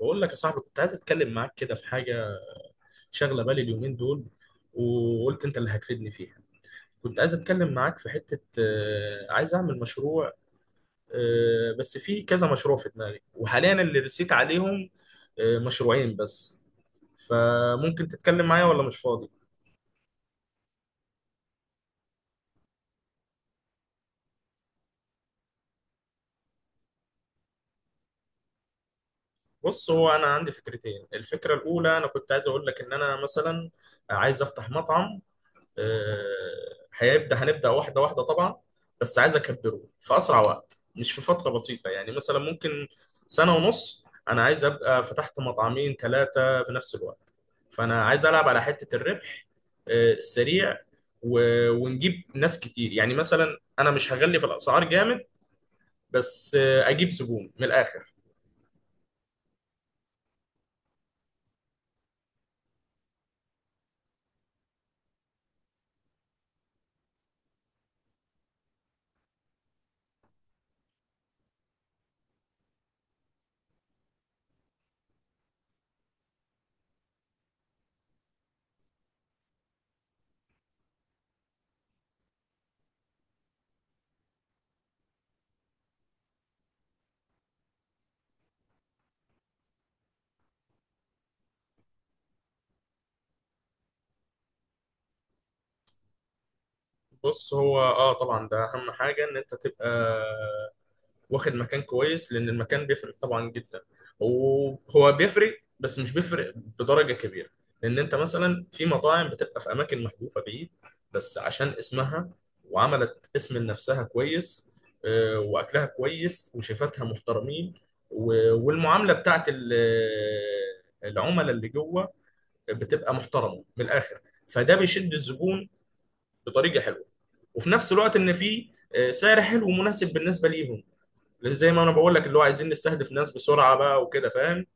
بقول لك يا صاحبي، كنت عايز اتكلم معاك كده في حاجه شاغله بالي اليومين دول، وقلت انت اللي هتفيدني فيها. كنت عايز اتكلم معاك في حته عايز اعمل مشروع. بس في كذا مشروع في دماغي، وحاليا اللي رسيت عليهم مشروعين بس. فممكن تتكلم معايا ولا مش فاضي؟ بص، هو انا عندي فكرتين. الفكره الاولى انا كنت عايز اقول لك ان انا مثلا عايز افتح مطعم. آه، هيبدا هنبدا واحده واحده طبعا، بس عايز اكبره في اسرع وقت، مش في فتره بسيطه. يعني مثلا ممكن سنه ونص انا عايز ابقى فتحت مطعمين ثلاثه في نفس الوقت. فانا عايز العب على حته الربح السريع، و- ونجيب ناس كتير. يعني مثلا انا مش هغلي في الاسعار جامد، بس اجيب زبون من الاخر. بص هو اه طبعا ده اهم حاجه، ان انت تبقى واخد مكان كويس، لان المكان بيفرق طبعا جدا. وهو بيفرق بس مش بيفرق بدرجه كبيره، لان انت مثلا في مطاعم بتبقى في اماكن محذوفه بعيد، بس عشان اسمها وعملت اسم لنفسها كويس، واكلها كويس وشيفاتها محترمين، و- والمعامله بتاعت العملاء اللي جوه بتبقى محترمه من الاخر. فده بيشد الزبون بطريقه حلوه، وفي نفس الوقت ان في سعر حلو ومناسب بالنسبه ليهم. زي ما انا بقول لك، اللي هو عايزين نستهدف ناس بسرعه بقى وكده، فاهم.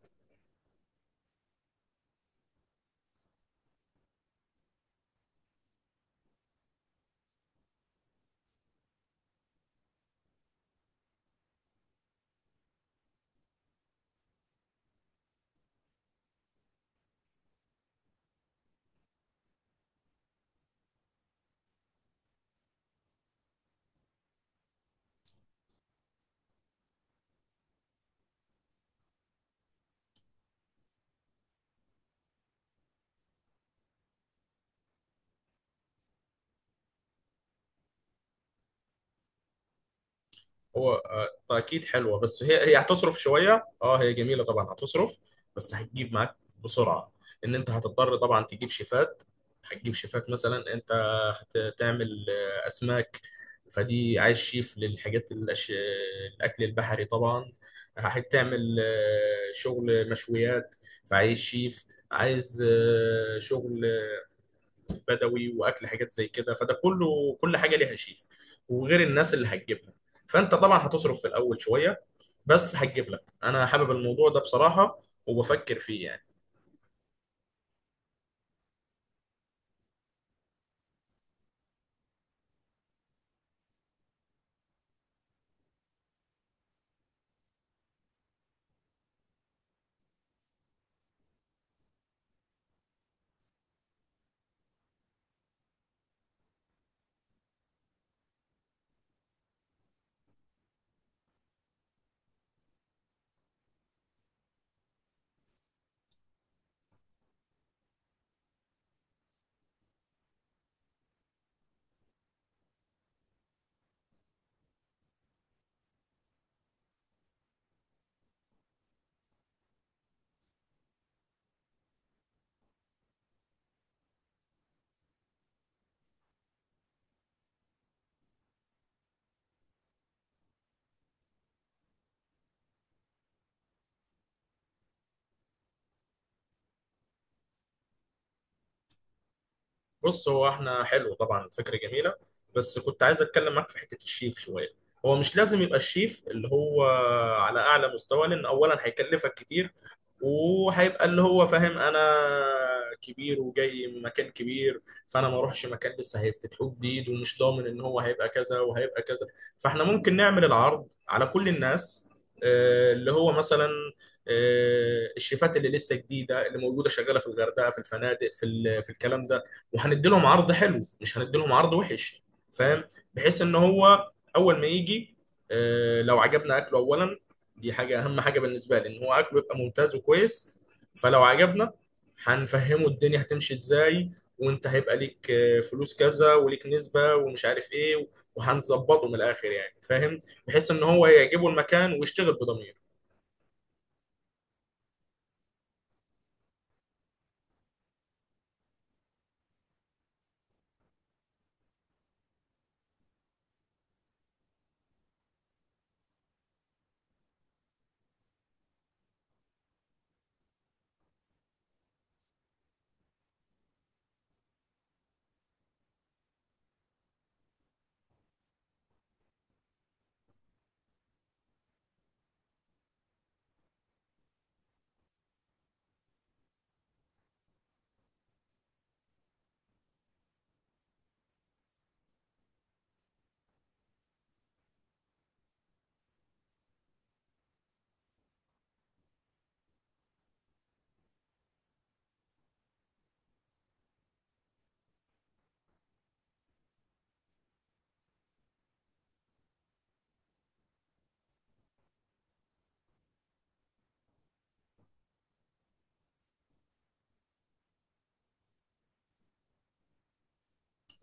هو اكيد حلوه، بس هي هتصرف شويه. اه هي جميله طبعا، هتصرف بس هتجيب معاك بسرعه. ان انت هتضطر طبعا تجيب شيفات. هتجيب شيفات، مثلا انت هتعمل اسماك، فدي عايز شيف للحاجات الاكل البحري طبعا. هتعمل شغل مشويات، فعايز شيف. عايز شغل بدوي واكل حاجات زي كده، فده كله كل حاجه ليها شيف، وغير الناس اللي هتجيبها. فانت طبعا هتصرف في الاول شويه، بس هتجيب لك. انا حابب الموضوع ده بصراحه وبفكر فيه يعني. بص هو احنا، حلو طبعا، فكره جميله، بس كنت عايز اتكلم معاك في حته الشيف شويه. هو مش لازم يبقى الشيف اللي هو على اعلى مستوى، لان اولا هيكلفك كتير، وهيبقى اللي هو فاهم انا كبير وجاي من مكان كبير، فانا ما اروحش مكان لسه هيفتتحوه جديد ومش ضامن ان هو هيبقى كذا وهيبقى كذا. فاحنا ممكن نعمل العرض على كل الناس، اللي هو مثلا الشيفات اللي لسه جديده، اللي موجوده شغاله في الغردقه، في الفنادق، في في الكلام ده. وهندي لهم عرض حلو، مش هندي لهم عرض وحش، فاهم. بحيث ان هو اول ما يجي لو عجبنا اكله اولا، دي حاجة، أهم حاجة بالنسبة لي إن هو أكله يبقى ممتاز وكويس. فلو عجبنا، هنفهمه الدنيا هتمشي إزاي، وأنت هيبقى ليك فلوس كذا وليك نسبة ومش عارف إيه، وهنظبطه من الآخر يعني، فاهم. بحيث إن هو يعجبه المكان ويشتغل بضمير.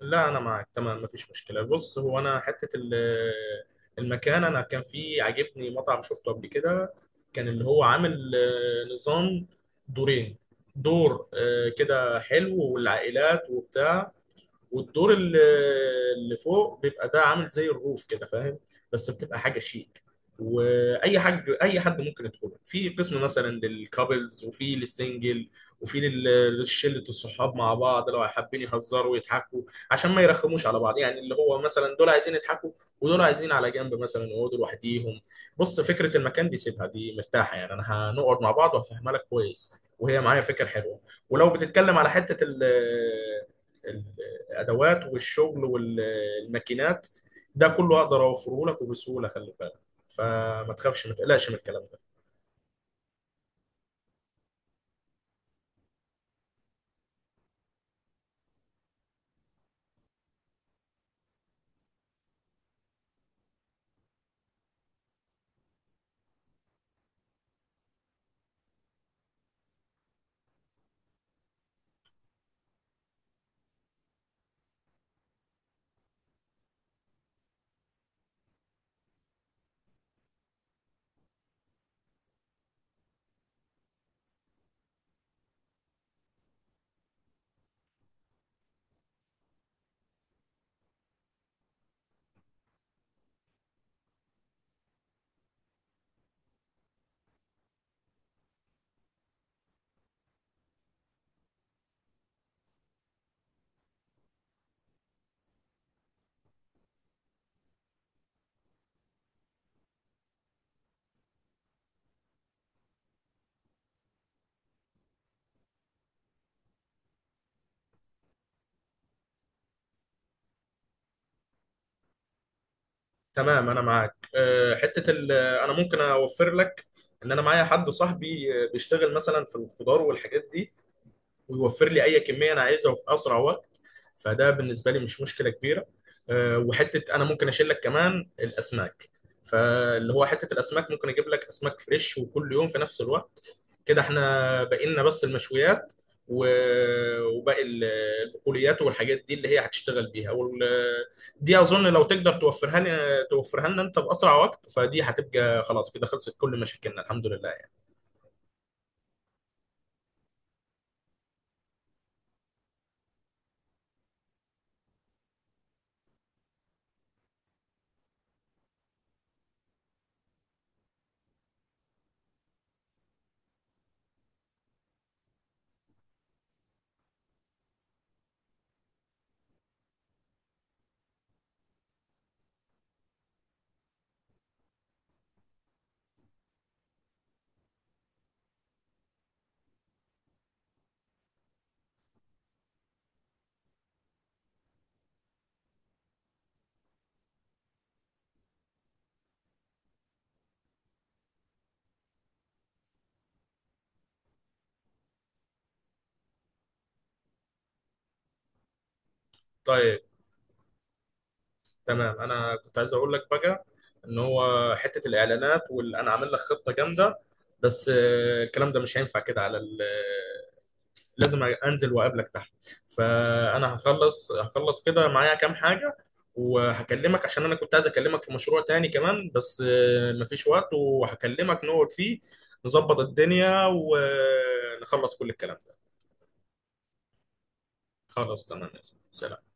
لا، أنا معاك تمام، مفيش مشكلة. بص هو أنا حتة المكان، أنا كان في عاجبني مطعم شفته قبل كده، كان اللي هو عامل نظام دورين. دور كده حلو والعائلات وبتاع، والدور اللي فوق بيبقى ده عامل زي الروف كده، فاهم. بس بتبقى حاجه شيك، واي حاج اي حد ممكن يدخله في قسم، مثلا للكابلز، وفي للسنجل، وفي للشله الصحاب مع بعض لو حابين يهزروا ويضحكوا، عشان ما يرخموش على بعض. يعني اللي هو مثلا دول عايزين يضحكوا ودول عايزين على جنب مثلا يقعدوا لوحديهم. بص فكره المكان دي سيبها، دي مرتاحه يعني، انا هنقعد مع بعض وهفهمها لك كويس، وهي معايا فكره حلوه. ولو بتتكلم على حته ال- الادوات والشغل والماكينات، ده كله اقدر اوفره لك وبسهوله، خلي بالك. فما تخافش ما تقلقش من الكلام ده. تمام انا معاك. حته انا ممكن اوفر لك ان انا معايا حد صاحبي بيشتغل مثلا في الخضار والحاجات دي، ويوفر لي اي كميه انا عايزها وفي اسرع وقت، فده بالنسبه لي مش مشكله كبيره. وحته انا ممكن اشيل لك كمان الاسماك، فاللي هو حته الاسماك ممكن اجيب لك اسماك فريش وكل يوم في نفس الوقت. كده احنا بقينا بس المشويات و- وباقي البقوليات والحاجات دي اللي هي هتشتغل بيها دي اظن لو تقدر توفرها لي، توفرها لنا انت باسرع وقت، فدي هتبقى خلاص، كده خلصت كل مشاكلنا الحمد لله يعني. طيب تمام، انا كنت عايز اقول لك بقى ان هو حته الاعلانات، وانا عامل لك خطه جامده، بس الكلام ده مش هينفع كده على لازم انزل واقابلك تحت. فانا هخلص كده معايا كام حاجه وهكلمك، عشان انا كنت عايز اكلمك في مشروع تاني كمان، بس مفيش وقت. وهكلمك نقعد فيه نظبط الدنيا ونخلص كل الكلام ده. خلاص تمام يا زلمة. سلام